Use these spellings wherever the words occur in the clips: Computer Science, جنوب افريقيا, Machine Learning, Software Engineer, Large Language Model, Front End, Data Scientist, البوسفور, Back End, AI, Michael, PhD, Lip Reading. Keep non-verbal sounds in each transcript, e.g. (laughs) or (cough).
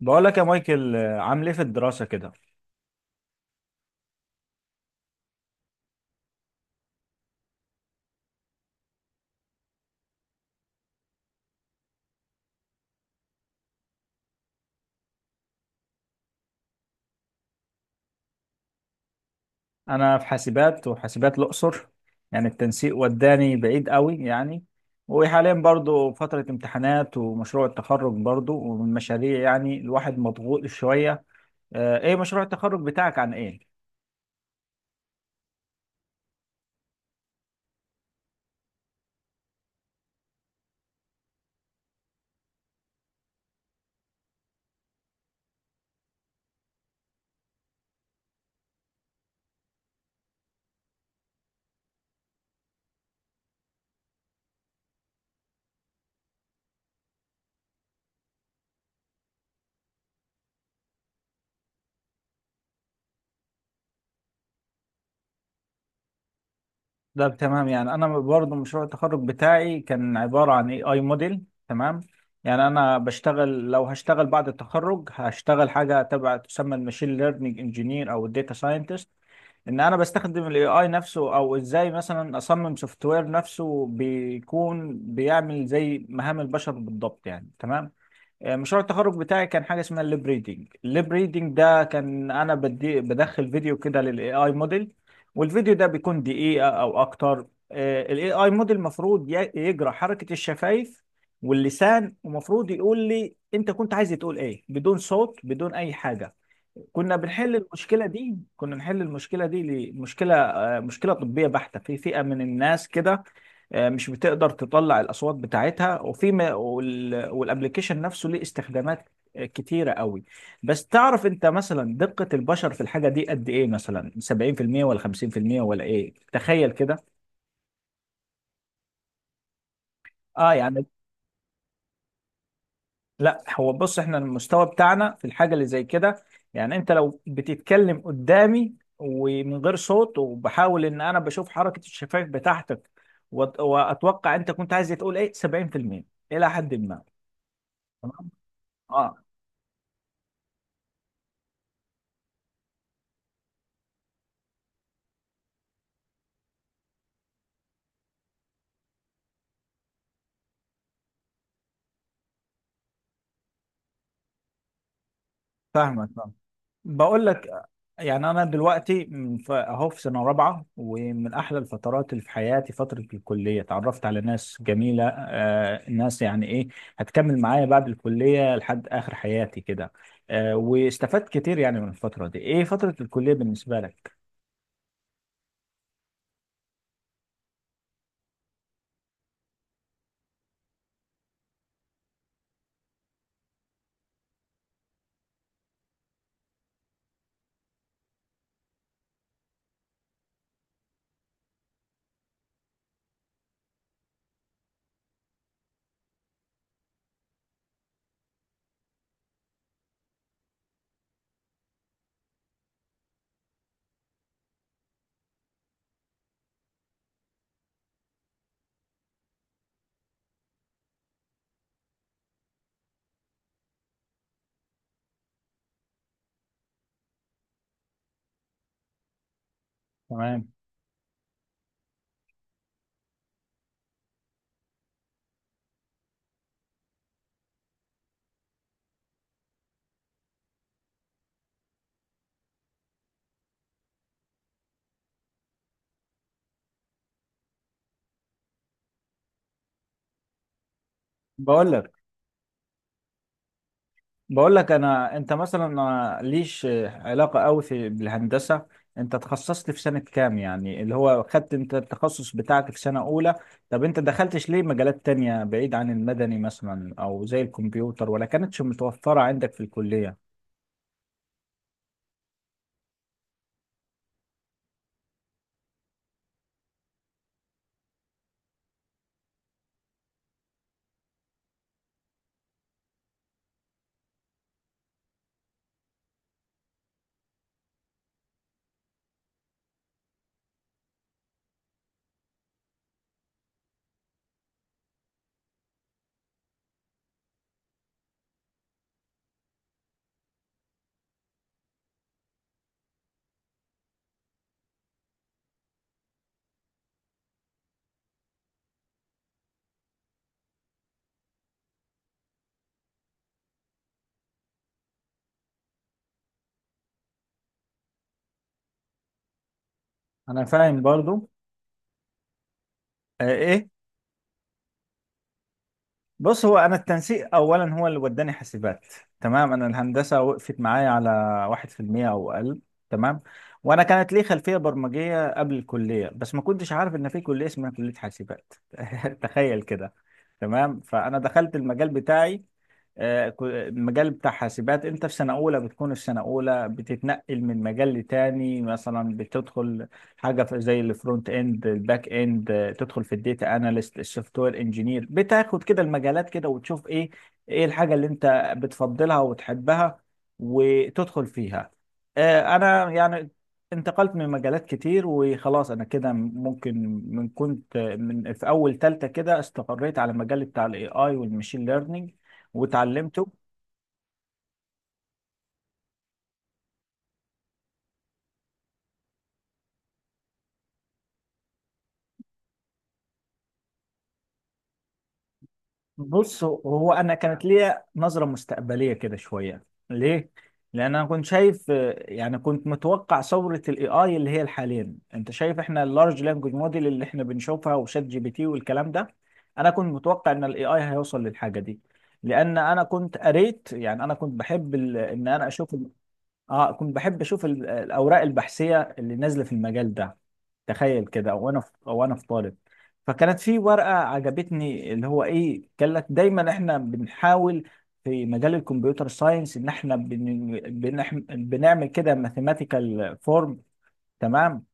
بقول لك يا مايكل، عامل ايه في الدراسة كده؟ أنا في حاسبات، وحاسبات الأقصر يعني التنسيق وداني بعيد قوي يعني. وحاليا برضو فترة امتحانات ومشروع التخرج برضو، ومن مشاريع يعني الواحد مضغوط شوية. ايه مشروع التخرج بتاعك عن ايه؟ ده تمام. يعني أنا برضو مشروع التخرج بتاعي كان عبارة عن اي اي موديل، تمام. يعني أنا بشتغل، لو هشتغل بعد التخرج هشتغل حاجة تبع تسمى الماشين ليرنينج انجينير أو الداتا ساينتست. ان انا بستخدم الاي اي نفسه، او ازاي مثلا اصمم سوفت وير نفسه بيكون بيعمل زي مهام البشر بالضبط يعني، تمام. مشروع التخرج بتاعي كان حاجه اسمها الليب ريدنج. الليب ريدنج ده كان انا بدي بدخل فيديو كده للاي اي موديل، والفيديو ده بيكون دقيقه او اكتر. الاي اي موديل المفروض يجرى حركه الشفايف واللسان، ومفروض يقول لي انت كنت عايز تقول ايه بدون صوت، بدون اي حاجه. كنا بنحل المشكله دي، كنا نحل المشكله دي ليه؟ مشكله طبيه بحته في فئه من الناس كده. مش بتقدر تطلع الاصوات بتاعتها. وفي ما- وال- والابليكيشن نفسه ليه استخدامات كتيره قوي. بس تعرف انت مثلا دقه البشر في الحاجه دي قد ايه؟ مثلا 70% ولا 50% ولا ايه؟ تخيل كده. اه، يعني لا، هو بص، احنا المستوى بتاعنا في الحاجة اللي زي كده، يعني انت لو بتتكلم قدامي ومن غير صوت، وبحاول ان انا بشوف حركة الشفايف بتاعتك واتوقع انت كنت عايز تقول ايه، 70% الى حد ما. تمام. اه، فاهمك، فاهم. بقول لك، يعني انا دلوقتي اهو في سنه رابعه، ومن احلى الفترات اللي في حياتي فتره الكليه، اتعرفت على ناس جميله، ناس يعني ايه، هتكمل معايا بعد الكليه لحد اخر حياتي كده. واستفدت كتير يعني من الفتره دي. ايه فتره الكليه بالنسبه لك؟ تمام. بقول لك بقول لك انا، انت مثلا ما ليش علاقه قوي بالهندسه. انت تخصصت في سنه كام؟ يعني اللي هو خدت انت التخصص بتاعك في سنه اولى؟ طب انت دخلتش ليه مجالات تانية بعيد عن المدني، مثلا او زي الكمبيوتر، ولا كانتش متوفره عندك في الكليه؟ انا فاهم برضو. آه، ايه؟ بص، هو انا التنسيق اولا هو اللي وداني حاسبات، تمام. انا الهندسه وقفت معايا على واحد في المية او اقل، تمام. وانا كانت لي خلفيه برمجيه قبل الكليه، بس ما كنتش عارف ان في كليه اسمها كليه حاسبات. (laughs) تخيل كده. تمام. فانا دخلت المجال بتاعي. المجال بتاع حاسبات، انت في سنة اولى بتكون في سنة اولى بتتنقل من مجال لتاني. مثلا بتدخل حاجة زي الفرونت اند، الباك اند، تدخل في الديتا اناليست، السوفت وير انجينير. بتاخد كده المجالات كده وتشوف ايه الحاجة اللي انت بتفضلها وتحبها وتدخل فيها. انا يعني انتقلت من مجالات كتير، وخلاص انا كده ممكن من في اول تالتة كده استقريت على مجال بتاع الاي اي والماشين ليرنينج وتعلمته. بص، هو انا كانت ليا نظره مستقبليه كده شويه. ليه؟ لان انا كنت شايف، يعني كنت متوقع ثوره الاي اي اللي هي الحاليا انت شايف احنا اللارج لانجوج موديل اللي احنا بنشوفها، وشات جي بي تي، والكلام ده. انا كنت متوقع ان الاي اي هيوصل للحاجه دي، لان انا كنت قريت. يعني انا كنت بحب ان انا اشوف، اه كنت بحب اشوف الاوراق البحثيه اللي نازله في المجال ده. تخيل كده، وانا في طالب. فكانت في ورقه عجبتني، اللي هو ايه، قال لك دايما احنا بنحاول في مجال الكمبيوتر ساينس ان احنا بنعمل كده ماثيماتيكال فورم، تمام.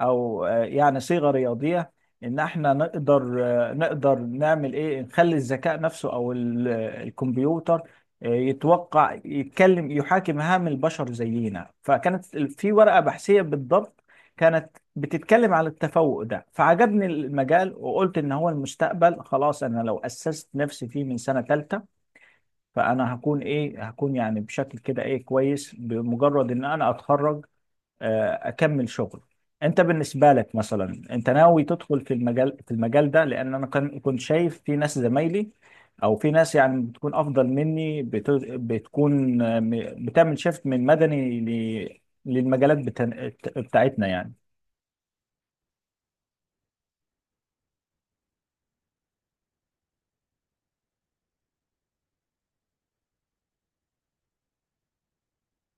او يعني صيغه رياضيه، ان احنا نقدر نعمل ايه، نخلي الذكاء نفسه او الكمبيوتر يتوقع، يتكلم، يحاكي مهام البشر زينا. فكانت في ورقه بحثيه بالضبط كانت بتتكلم على التفوق ده، فعجبني المجال وقلت ان هو المستقبل. خلاص، انا لو اسست نفسي فيه من سنه ثالثه فانا هكون يعني بشكل كده ايه، كويس بمجرد ان انا اتخرج اكمل شغل. انت بالنسبه لك مثلا انت ناوي تدخل في المجال ده؟ لان انا كنت شايف في ناس زمايلي، او في ناس يعني بتكون افضل مني، بتكون، بتعمل شيفت من مدني ل- للمجالات بتاعتنا يعني.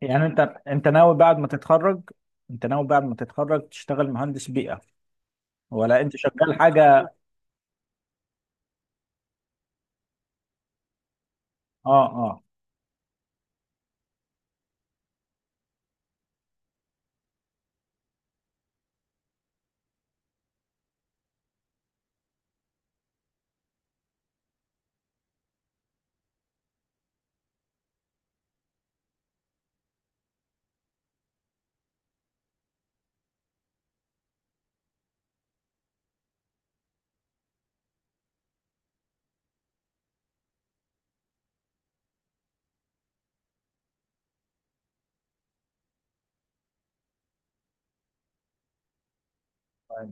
يعني انت ناوي بعد ما تتخرج انت ناوي بعد ما تتخرج تشتغل مهندس بيئه، ولا انت شغال حاجه؟ اه، اه.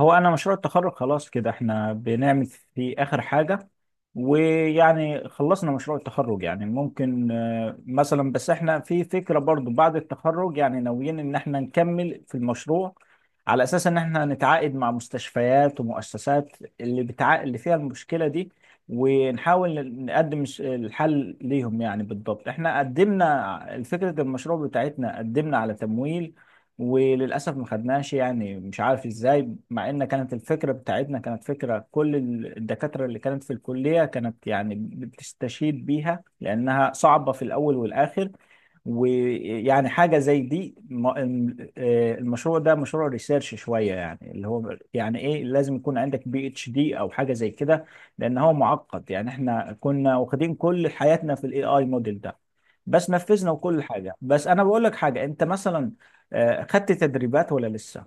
هو انا مشروع التخرج خلاص كده احنا بنعمل في اخر حاجة، ويعني خلصنا مشروع التخرج. يعني ممكن مثلا، بس احنا في فكرة برضو بعد التخرج يعني، ناويين ان احنا نكمل في المشروع على اساس ان احنا نتعاقد مع مستشفيات ومؤسسات اللي اللي فيها المشكلة دي، ونحاول نقدم الحل ليهم. يعني بالضبط احنا قدمنا فكرة المشروع بتاعتنا، قدمنا على تمويل وللاسف ما خدناش، يعني مش عارف ازاي، مع ان كانت الفكره بتاعتنا كانت فكره كل الدكاتره اللي كانت في الكليه كانت يعني بتستشهد بيها، لانها صعبه في الاول والاخر. ويعني حاجه زي دي، المشروع ده مشروع ريسيرش شويه، يعني اللي هو يعني ايه، لازم يكون عندك بي اتش دي او حاجه زي كده، لان هو معقد. يعني احنا كنا واخدين كل حياتنا في الاي اي موديل ده، بس نفذنا وكل حاجه. بس انا بقول لك حاجه، انت مثلا خدت تدريبات ولا لسه؟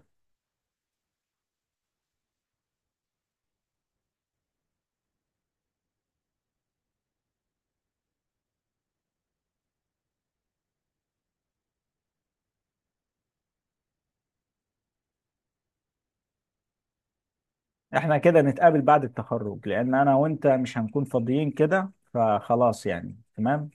احنا كده نتقابل بعد التخرج، لان انا وانت مش هنكون فاضيين كده، فخلاص يعني، تمام.